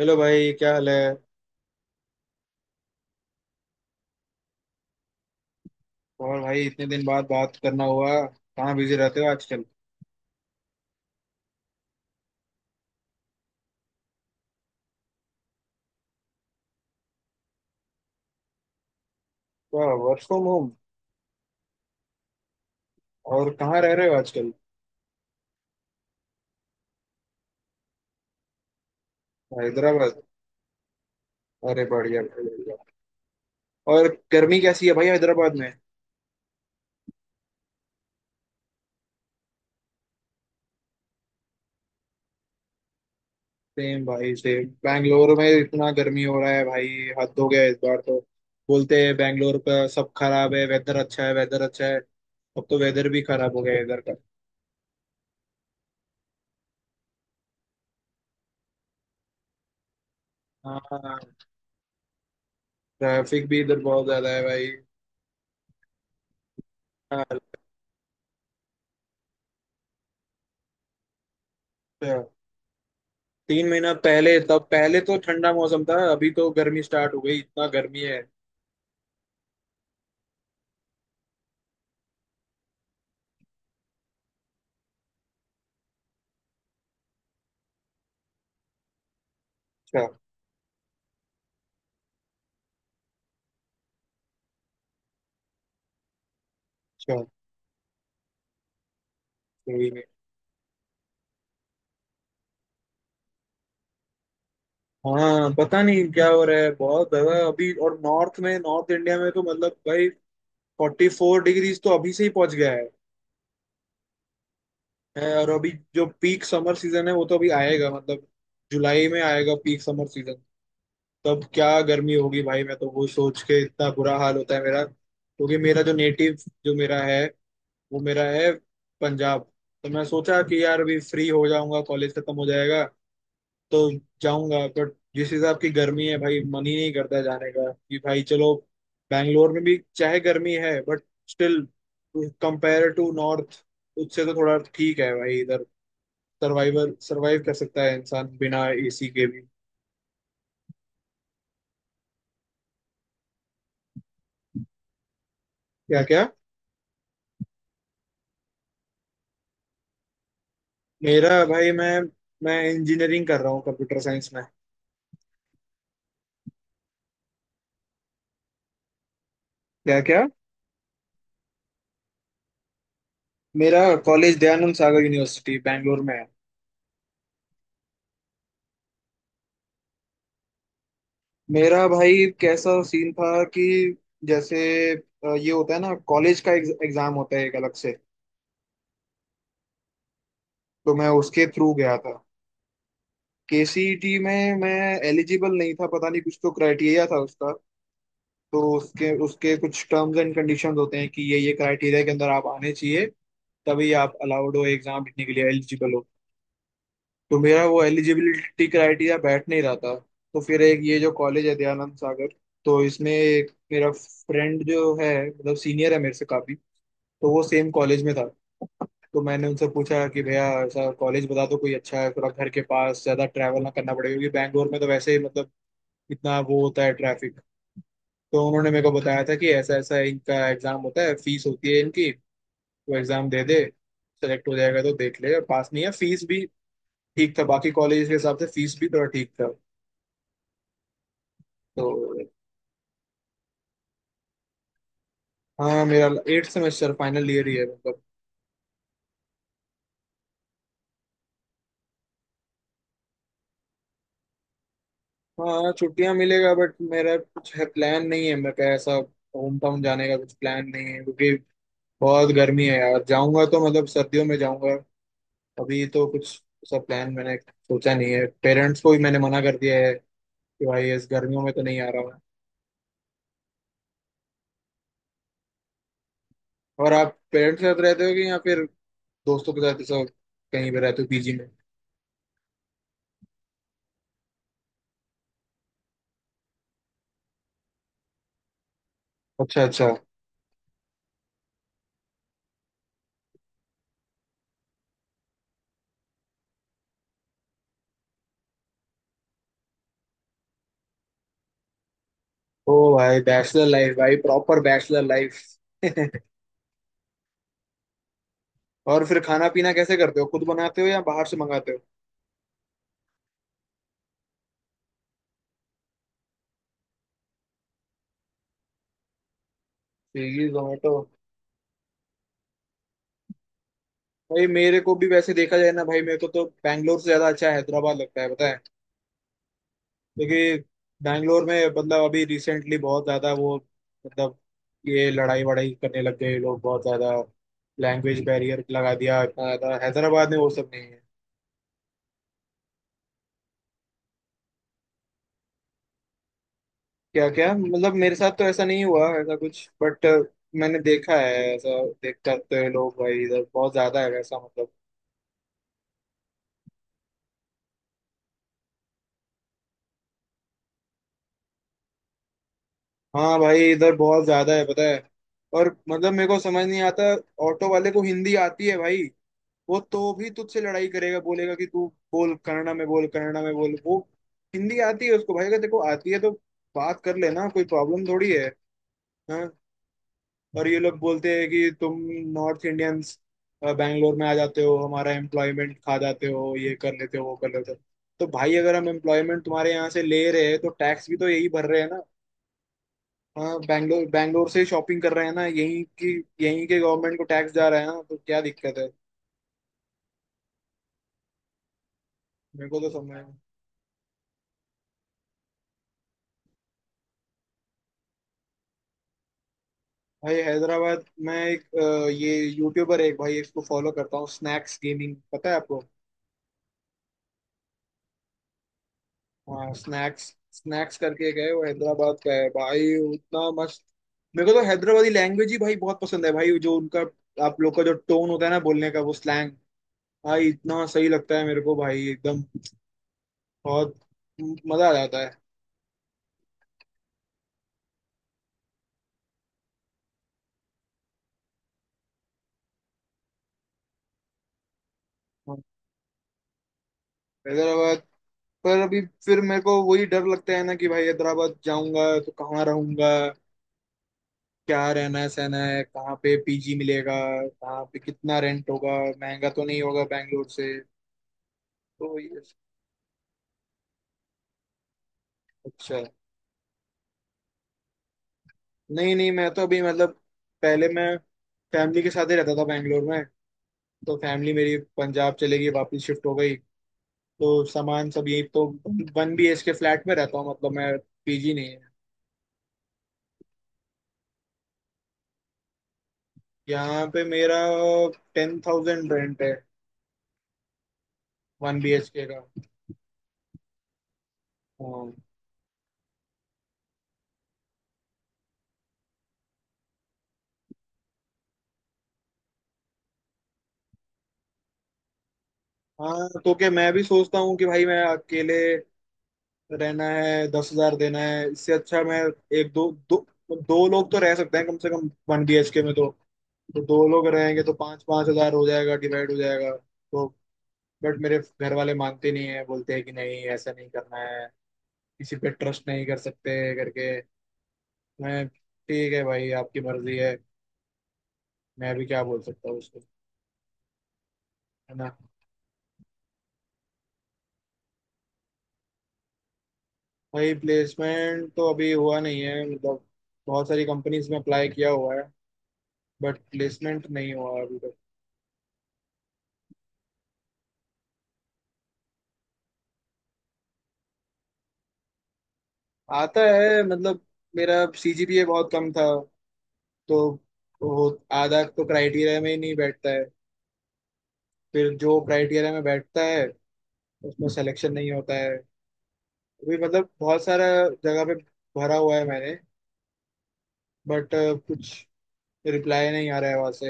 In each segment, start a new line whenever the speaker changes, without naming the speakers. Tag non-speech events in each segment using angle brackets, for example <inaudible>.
Hello भाई, क्या हाल है। और भाई इतने दिन बाद बात करना हुआ, कहाँ बिजी रहते हो आजकल। वाह, वर्क फ्रॉम होम। और कहाँ रह रहे हो आजकल। हैदराबाद, अरे बढ़िया बढ़िया। और गर्मी कैसी है भाई हैदराबाद में। सेम भाई सेम, बैंगलोर में इतना गर्मी हो रहा है भाई। हद हो गया इस बार तो। बोलते हैं बैंगलोर का सब खराब है, वेदर अच्छा है, वेदर अच्छा है। अब तो वेदर भी खराब हो गया है इधर का। हाँ, ट्रैफिक भी इधर बहुत ज्यादा है भाई। हाँ, तीन महीना पहले तब, पहले तो ठंडा मौसम था, अभी तो गर्मी स्टार्ट हो गई, इतना गर्मी है। अच्छा अच्छा, वही में। हाँ, पता नहीं क्या हो रहा है, बहुत ज्यादा अभी। और नॉर्थ में, नॉर्थ इंडिया में तो मतलब भाई 44 डिग्रीज तो अभी से ही पहुंच गया है है। और अभी जो पीक समर सीजन है, वो तो अभी आएगा मतलब। जुलाई में आएगा पीक समर सीजन। तब क्या गर्मी होगी भाई, मैं तो वो सोच के इतना बुरा हाल होता है मेरा, क्योंकि मेरा जो नेटिव जो मेरा है, वो मेरा है पंजाब। तो मैं सोचा कि यार अभी फ्री हो जाऊंगा, कॉलेज खत्म हो जाएगा, तो जाऊंगा, बट जिस हिसाब की गर्मी है भाई, मन ही नहीं करता जाने का कि भाई चलो। बैंगलोर में भी चाहे गर्मी है, but still compare to north उससे तो थोड़ा ठीक है भाई इधर। सर्वाइवर, सर्वाइव कर सकता है इंसान बिना एसी के भी। क्या क्या। मेरा भाई मैं इंजीनियरिंग कर रहा हूँ कंप्यूटर साइंस में। क्या क्या। मेरा कॉलेज दयानंद सागर यूनिवर्सिटी बैंगलोर में है। मेरा भाई कैसा सीन था कि जैसे ये होता है ना, कॉलेज का एग्जाम होता है एक अलग से। तो मैं उसके थ्रू गया था। केसीईटी में मैं एलिजिबल नहीं था, पता नहीं कुछ तो क्राइटेरिया था उसका। तो उसके उसके कुछ टर्म्स एंड कंडीशंस होते हैं कि ये क्राइटेरिया के अंदर आप आने चाहिए, तभी आप अलाउड हो, एग्जाम लिखने के लिए एलिजिबल हो। तो मेरा वो एलिजिबिलिटी क्राइटेरिया बैठ नहीं रहा था। तो फिर एक ये जो कॉलेज है दयानंद सागर, तो इसमें एक मेरा फ्रेंड जो है, मतलब सीनियर है मेरे से काफी, तो वो सेम कॉलेज में था। तो मैंने उनसे पूछा कि भैया ऐसा कॉलेज बता दो कोई अच्छा है, थोड़ा घर के पास, ज्यादा ट्रैवल ना करना पड़े क्योंकि बैंगलोर में तो वैसे ही मतलब इतना वो होता है ट्रैफिक। तो उन्होंने मेरे को बताया था कि ऐसा ऐसा इनका एग्जाम होता है, फीस होती है इनकी, तो एग्जाम दे दे, सेलेक्ट हो जाएगा तो देख ले, पास नहीं है, फीस भी ठीक था बाकी कॉलेज के हिसाब से, फीस भी थोड़ा ठीक था तो। हाँ मेरा 8 सेमेस्टर, फाइनल ईयर ही है मतलब। हाँ, छुट्टियां मिलेगा बट मेरा कुछ है, प्लान नहीं है, मैं ऐसा होम टाउन जाने का कुछ प्लान नहीं है क्योंकि बहुत गर्मी है यार। जाऊंगा तो मतलब सर्दियों में जाऊंगा। अभी तो कुछ ऐसा प्लान मैंने सोचा नहीं है। पेरेंट्स को भी मैंने मना कर दिया है कि भाई इस गर्मियों में तो नहीं आ रहा मैं। और आप पेरेंट्स के साथ रहते हो कि या फिर दोस्तों के साथ ऐसा कहीं पे रहते हो पीजी में। अच्छा अच्छा, ओ भाई बैचलर लाइफ भाई, प्रॉपर बैचलर लाइफ। <laughs> और फिर खाना पीना कैसे करते हो, खुद बनाते हो या बाहर से मंगाते हो। स्विगी जोमेटो। भाई मेरे को भी वैसे देखा जाए ना भाई, मेरे को तो बैंगलोर से ज्यादा अच्छा हैदराबाद लगता है बताए, क्योंकि बैंगलोर में मतलब अभी रिसेंटली बहुत ज्यादा वो मतलब ये लड़ाई वड़ाई करने लग गए लोग, बहुत ज्यादा लैंग्वेज बैरियर लगा दिया इतना ज्यादा। हैदराबाद में वो सब नहीं है। क्या क्या, मतलब मेरे साथ तो ऐसा नहीं हुआ, ऐसा कुछ, बट मैंने देखा है ऐसा देख, करते हुए लोग भाई, इधर बहुत ज्यादा है वैसा मतलब। हाँ भाई, इधर बहुत ज्यादा है, पता है। और मतलब मेरे को समझ नहीं आता, ऑटो वाले को हिंदी आती है भाई। वो तो भी तुझसे लड़ाई करेगा, बोलेगा कि तू बोल, कन्नड़ा में बोल, कन्नड़ा में बोल। वो हिंदी आती है उसको भाई, अगर देखो आती है तो बात कर लेना, कोई प्रॉब्लम थोड़ी है। हाँ, और ये लोग बोलते हैं कि तुम नॉर्थ इंडियंस बैंगलोर में आ जाते हो, हमारा एम्प्लॉयमेंट खा जाते हो, ये कर लेते हो, वो कर लेते हो। तो भाई अगर हम एम्प्लॉयमेंट तुम्हारे यहाँ से ले रहे हैं, तो टैक्स भी तो यही भर रहे हैं ना। हाँ, बैंगलोर, बैंगलोर से शॉपिंग कर रहे हैं ना यहीं की, यहीं के गवर्नमेंट को टैक्स जा रहा है ना, तो क्या दिक्कत है। मेरे को तो समझ। भाई हैदराबाद में एक ये यूट्यूबर है एक भाई, इसको फॉलो करता हूँ, स्नैक्स गेमिंग, पता है आपको। हाँ स्नैक्स, स्नैक्स करके गए, वो हैदराबाद का है भाई, उतना मस्त। मेरे को तो हैदराबादी लैंग्वेज ही भाई बहुत पसंद है भाई, जो उनका, आप लोग का जो टोन होता है ना बोलने का, वो स्लैंग भाई, इतना सही लगता है मेरे को भाई एकदम। बहुत मजा आ जाता है। हाँ, हैदराबाद, पर अभी फिर मेरे को वही डर लगता है ना कि भाई हैदराबाद जाऊंगा तो कहाँ रहूंगा, क्या रहना सहना है, कहाँ पे पीजी मिलेगा, कहाँ पे कितना रेंट होगा, महंगा तो नहीं होगा बैंगलोर से। तो ये, अच्छा, नहीं नहीं, मैं तो अभी मतलब पहले मैं फैमिली के साथ ही रहता था बैंगलोर में। तो फैमिली मेरी पंजाब चले गई, वापस शिफ्ट हो गई। तो सामान सब यही, तो one B H K flat में रहता हूँ मतलब मैं, पीजी नहीं है। यहाँ पे मेरा 10,000 रेंट है, 1 BHK का। हाँ। हाँ तो क्या, मैं भी सोचता हूँ कि भाई मैं अकेले रहना है, 10,000 देना है, इससे अच्छा मैं एक दो, दो, दो लोग तो रह सकते हैं कम से कम 1 BHK में तो। तो दो लोग रहेंगे तो 5,000 5,000 हो जाएगा, डिवाइड हो जाएगा तो। बट मेरे घर वाले मानते नहीं है, बोलते हैं कि नहीं ऐसा नहीं करना है, किसी पे ट्रस्ट नहीं कर सकते करके। मैं ठीक है भाई, आपकी मर्जी है, मैं भी क्या बोल सकता हूँ उसको, है ना। भाई प्लेसमेंट तो अभी हुआ नहीं है मतलब, बहुत सारी कंपनीज में अप्लाई किया हुआ है, बट प्लेसमेंट नहीं हुआ अभी तक। आता है मतलब, मेरा सीजीपीए बहुत कम था, तो वो आधा तो क्राइटेरिया में ही नहीं बैठता है। फिर जो क्राइटेरिया में बैठता है, उसमें सिलेक्शन नहीं होता है। अभी मतलब बहुत सारा जगह पे भरा हुआ है मैंने, बट कुछ रिप्लाई नहीं आ रहा है वहां से।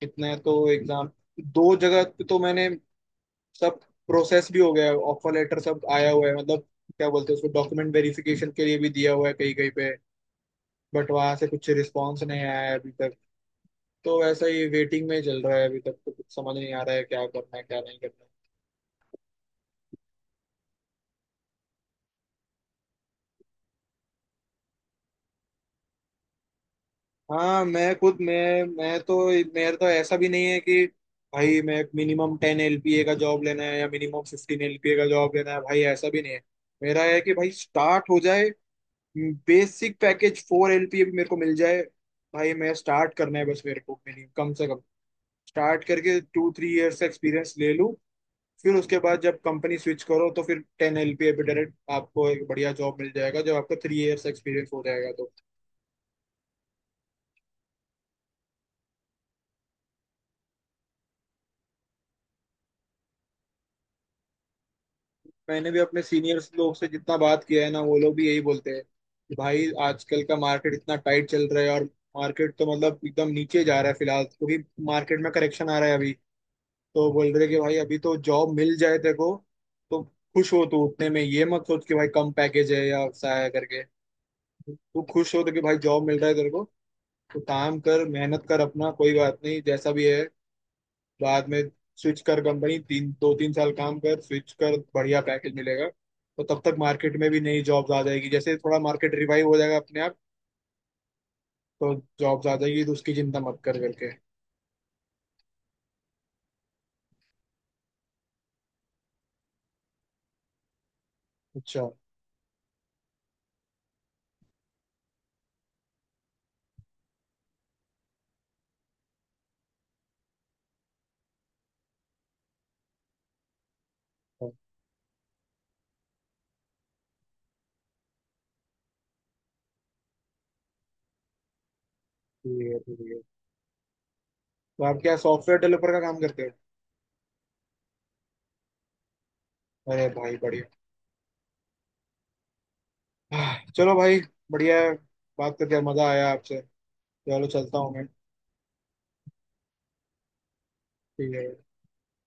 कितने तो एग्जाम, दो जगह पे तो मैंने सब प्रोसेस भी हो गया है, ऑफर लेटर सब आया हुआ है मतलब, क्या बोलते हैं उसको, डॉक्यूमेंट वेरिफिकेशन के लिए भी दिया हुआ है कहीं कहीं पे, बट वहां से कुछ रिस्पॉन्स नहीं आया है अभी तक। तो वैसा ही वेटिंग में चल रहा है अभी तक, तो कुछ समझ नहीं आ रहा है क्या करना है, क्या नहीं करना है। हाँ, मैं खुद मैं तो, मेरा तो ऐसा भी नहीं है कि भाई मैं मिनिमम 10 LPA का जॉब लेना है, या मिनिमम 15 LPA का जॉब लेना है भाई, ऐसा भी नहीं है। मेरा है कि भाई स्टार्ट हो जाए, बेसिक पैकेज 4 LPA भी मेरे को मिल जाए भाई, मैं स्टार्ट करना है बस मेरे को मिनिमम, कम से कम स्टार्ट करके 2-3 इयर्स का एक्सपीरियंस ले लूँ। फिर उसके बाद जब कंपनी स्विच करो, तो फिर 10 LPA पे डायरेक्ट आपको एक बढ़िया जॉब मिल जाएगा, जब आपका 3 इयर्स एक्सपीरियंस हो जाएगा तो। मैंने भी अपने सीनियर्स लोग से जितना बात किया है ना, वो लोग भी यही बोलते हैं कि भाई आजकल का मार्केट इतना टाइट चल रहा है, और मार्केट तो मतलब एकदम नीचे जा रहा है फिलहाल, क्योंकि मार्केट में करेक्शन आ रहा है अभी। तो बोल रहे कि भाई अभी तो जॉब मिल जाए तेरे को तो खुश हो तू उतने में, ये मत सोच कि भाई कम पैकेज है या ऐसा है करके। तू खुश हो तो कि भाई जॉब मिल रहा है तेरे को, तो काम कर, मेहनत कर अपना, कोई बात नहीं जैसा भी है। बाद में स्विच कर कंपनी, तीन, दो तीन साल काम कर, स्विच कर, बढ़िया पैकेज मिलेगा। तो तब तक मार्केट में भी नई जॉब्स आ जाएगी, जैसे थोड़ा मार्केट रिवाइव हो जाएगा अपने आप, तो जॉब्स आ जाएगी, तो उसकी चिंता मत कर करके। अच्छा अच्छा, ठीक है ठीक है। तो आप क्या सॉफ्टवेयर डेवलपर का काम करते हो। अरे भाई बढ़िया। <sighs> चलो भाई, बढ़िया है। बात करके मजा आया आपसे, चलो चलता हूँ मैं। ठीक है।